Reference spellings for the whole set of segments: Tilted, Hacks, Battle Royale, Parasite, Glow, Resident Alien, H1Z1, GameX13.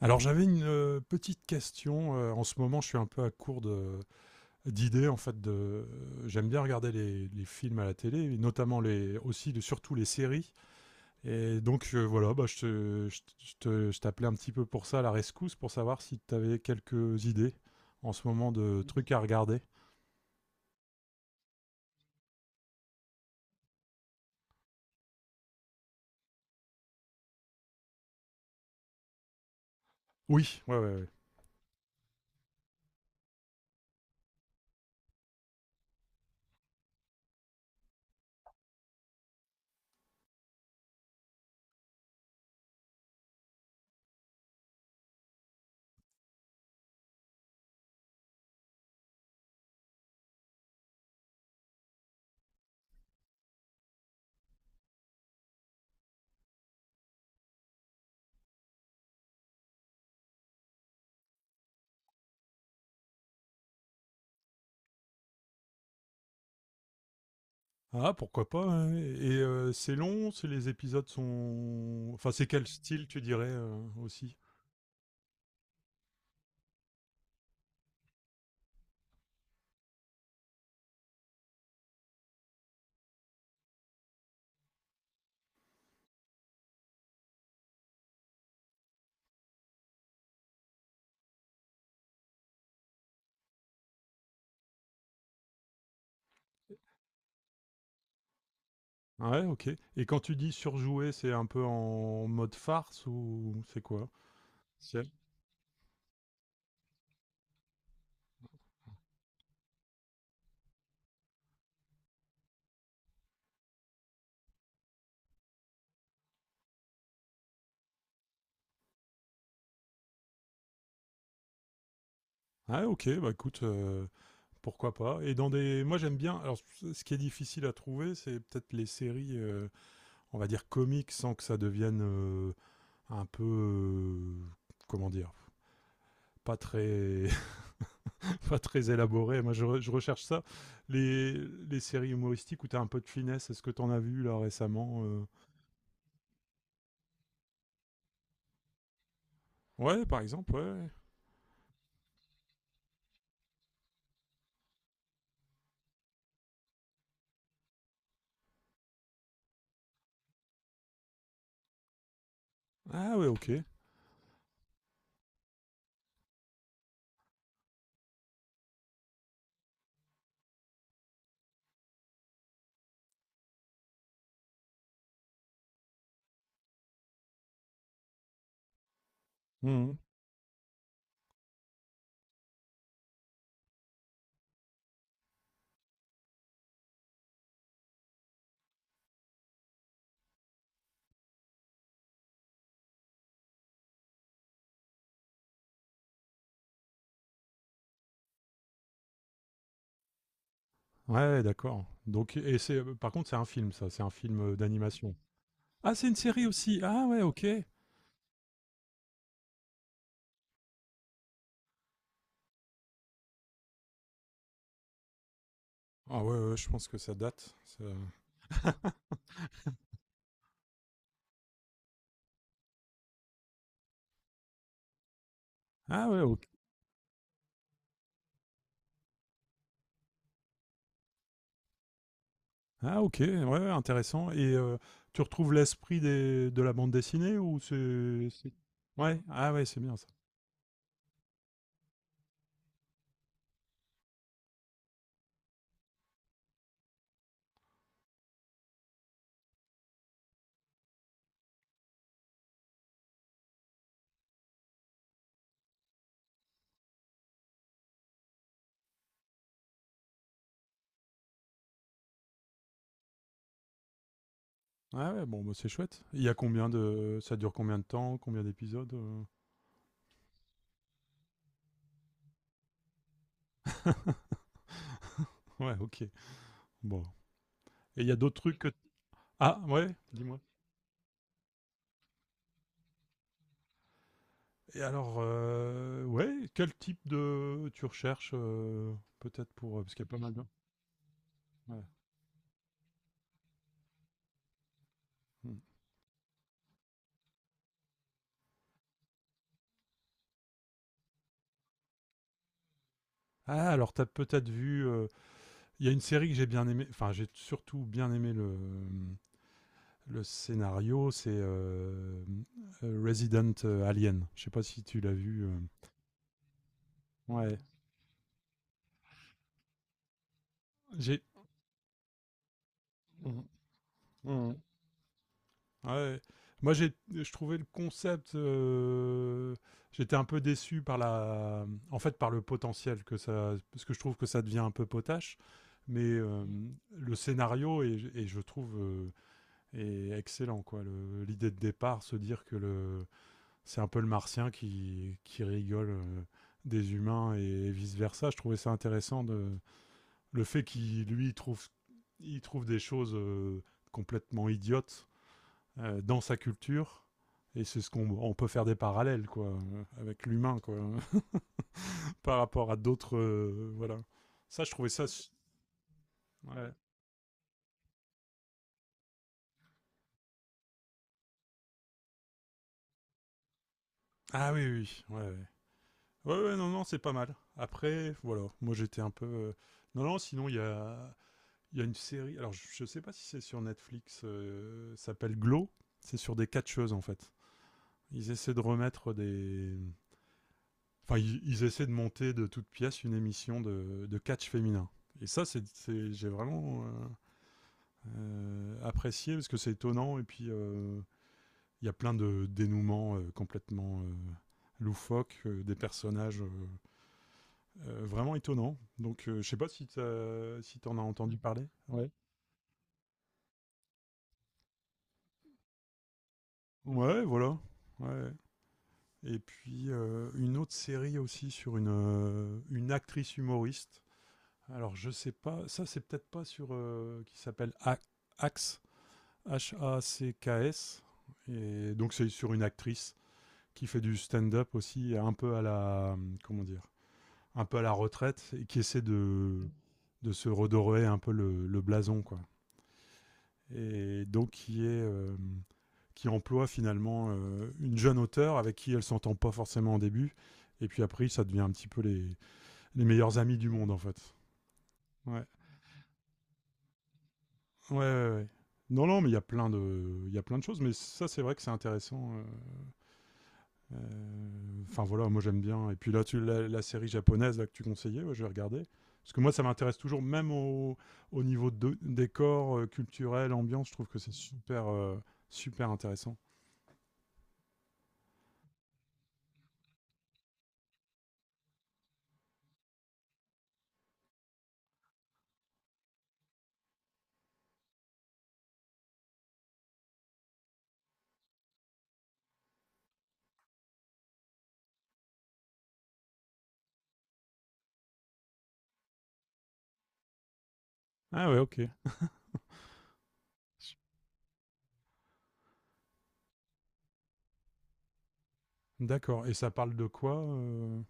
Alors j'avais une petite question. En ce moment, je suis un peu d'idées en fait. J'aime bien regarder les films à la télé, et notamment surtout les séries. Et donc voilà, bah, je t'appelais un petit peu pour ça, à la rescousse, pour savoir si tu avais quelques idées en ce moment de trucs à regarder. Oui, ouais, ouais, ouais. Ah, pourquoi pas, hein. Et, c'est long, c'est les épisodes sont... Enfin, c'est quel style tu dirais aussi? Ouais, OK. Et quand tu dis surjouer, c'est un peu en mode farce ou c'est quoi? C'est Ah OK, bah écoute, pourquoi pas. Et dans des... moi j'aime bien. Alors ce qui est difficile à trouver, c'est peut-être les séries, on va dire comiques, sans que ça devienne, un peu, comment dire? Pas très pas très élaboré. Moi je recherche ça. Les séries humoristiques où t'as un peu de finesse, est-ce que t'en as vu là récemment, Ouais, par exemple, ouais, ouais. Ah ouais, OK. Mmh. Ouais, d'accord. Donc et c'est... par contre, c'est un film, ça? C'est un film d'animation? Ah, c'est une série aussi? Ah ouais, OK. Ah ouais, ouais, je pense que ça date, ça. Ah ouais, OK. Ah OK, ouais, ouais, intéressant. Et tu retrouves l'esprit des de la bande dessinée, ou c'est ouais, ah ouais, c'est bien, ça. Ah ouais, bon, bah, c'est chouette. Il y a combien de... ça dure combien de temps? Combien d'épisodes, Ouais, OK. Bon, et il y a d'autres trucs que... Ah ouais? Dis-moi. Et alors, ouais, quel type de... tu recherches peut-être, pour euh... parce qu'il y a pas mal de... Ouais. Hmm. Ah, alors t'as peut-être vu, il y a une série que j'ai bien aimé. Enfin, j'ai surtout bien aimé le scénario. C'est Resident Alien. Je sais pas si tu l'as vu, Ouais. J'ai... Mhm. Ouais. Moi, je trouvais le concept, j'étais un peu déçu par la... en fait, par le potentiel que ça... parce que je trouve que ça devient un peu potache. Mais Mm, le scénario est... et je trouve est excellent, quoi. L'idée de départ, se dire que le... c'est un peu le martien qui rigole des humains et vice versa. Je trouvais ça intéressant, de le fait qu'il lui il trouve... il trouve des choses complètement idiotes dans sa culture. Et c'est... ce qu'on on peut faire des parallèles, quoi, avec l'humain, quoi, par rapport à d'autres, voilà. Ça, je trouvais ça ouais. Ah oui, oui, oui, ouais, ouais. Ouais, ouais, non, non, c'est pas mal. Après, voilà. Moi, j'étais un peu, non, non. Sinon, il y a une série. Alors, je sais pas si c'est sur Netflix, ça s'appelle Glow. C'est sur des catcheuses, en fait. Ils essaient de remettre des, Enfin, ils essaient de monter de toutes pièces une émission de catch féminin. Et ça, c'est... j'ai vraiment apprécié parce que c'est étonnant. Et puis, il y a plein de dénouements complètement loufoques, des personnages vraiment étonnants. Donc, je sais pas si si t'en as entendu parler. Ouais. Ouais, voilà. Ouais. Et puis, une autre série aussi sur une actrice humoriste. Alors, je sais pas. Ça, c'est peut-être pas sur, qui s'appelle Axe. H-A-C-K-S. Et donc, c'est sur une actrice qui fait du stand-up aussi, un peu à la... comment dire... un peu à la retraite, et qui essaie de se redorer un peu le blason, quoi. Et donc, qui est, qui emploie finalement une jeune auteure avec qui elle s'entend pas forcément au début. Et puis après, ça devient un petit peu les meilleurs amis du monde, en fait. Ouais. Ouais, ouais, ouais. Non, non, mais il y a plein de... il y a plein de choses, mais ça, c'est vrai que c'est intéressant, enfin voilà, moi j'aime bien. Et puis là, la série japonaise là, que tu conseillais, ouais, je vais regarder. Parce que moi, ça m'intéresse toujours, au niveau de décor, culturel, ambiance, je trouve que c'est super, super intéressant. Ah ouais, ok. D'accord. Et ça parle de quoi,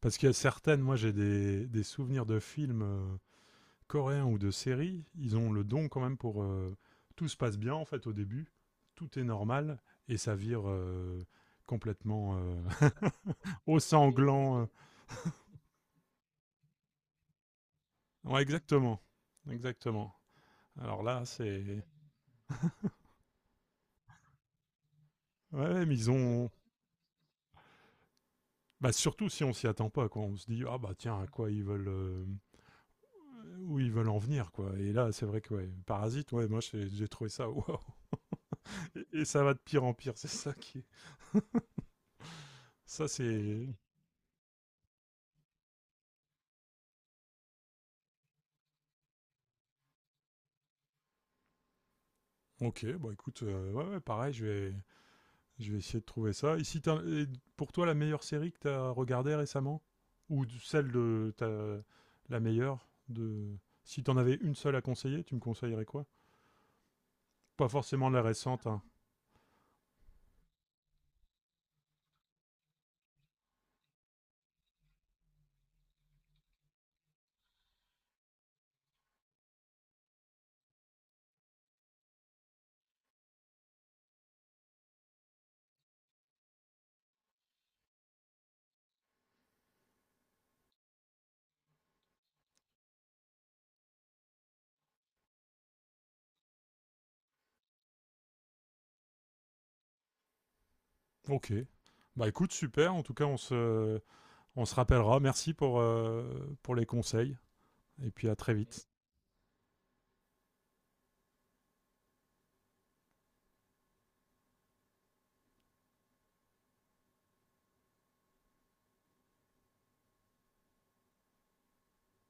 Parce qu'il y a certaines... moi j'ai des souvenirs de films, coréens, ou de séries. Ils ont le don quand même pour... tout se passe bien, en fait, au début, tout est normal, et ça vire complètement au sanglant, Ouais, exactement. Exactement. Alors là, c'est... Ouais, ouais, mais ils ont... Bah, surtout si on s'y attend pas, quoi. On se dit, ah bah tiens, à quoi ils veulent... où ils veulent en venir, quoi. Et là, c'est vrai que, ouais, Parasite, ouais, moi j'ai trouvé ça, waouh. Et ça va de pire en pire, c'est ça qui... est- ça, c'est... Ok, bah écoute, ouais, ouais, pareil, je vais... je vais essayer de trouver ça. Ici, et pour toi, la meilleure série que tu as regardée récemment? Ou la meilleure de... si tu en avais une seule à conseiller, tu me conseillerais quoi? Pas forcément la récente, hein. Ok. Bah écoute, super. En tout cas, on se rappellera. Merci pour les conseils. Et puis à très vite.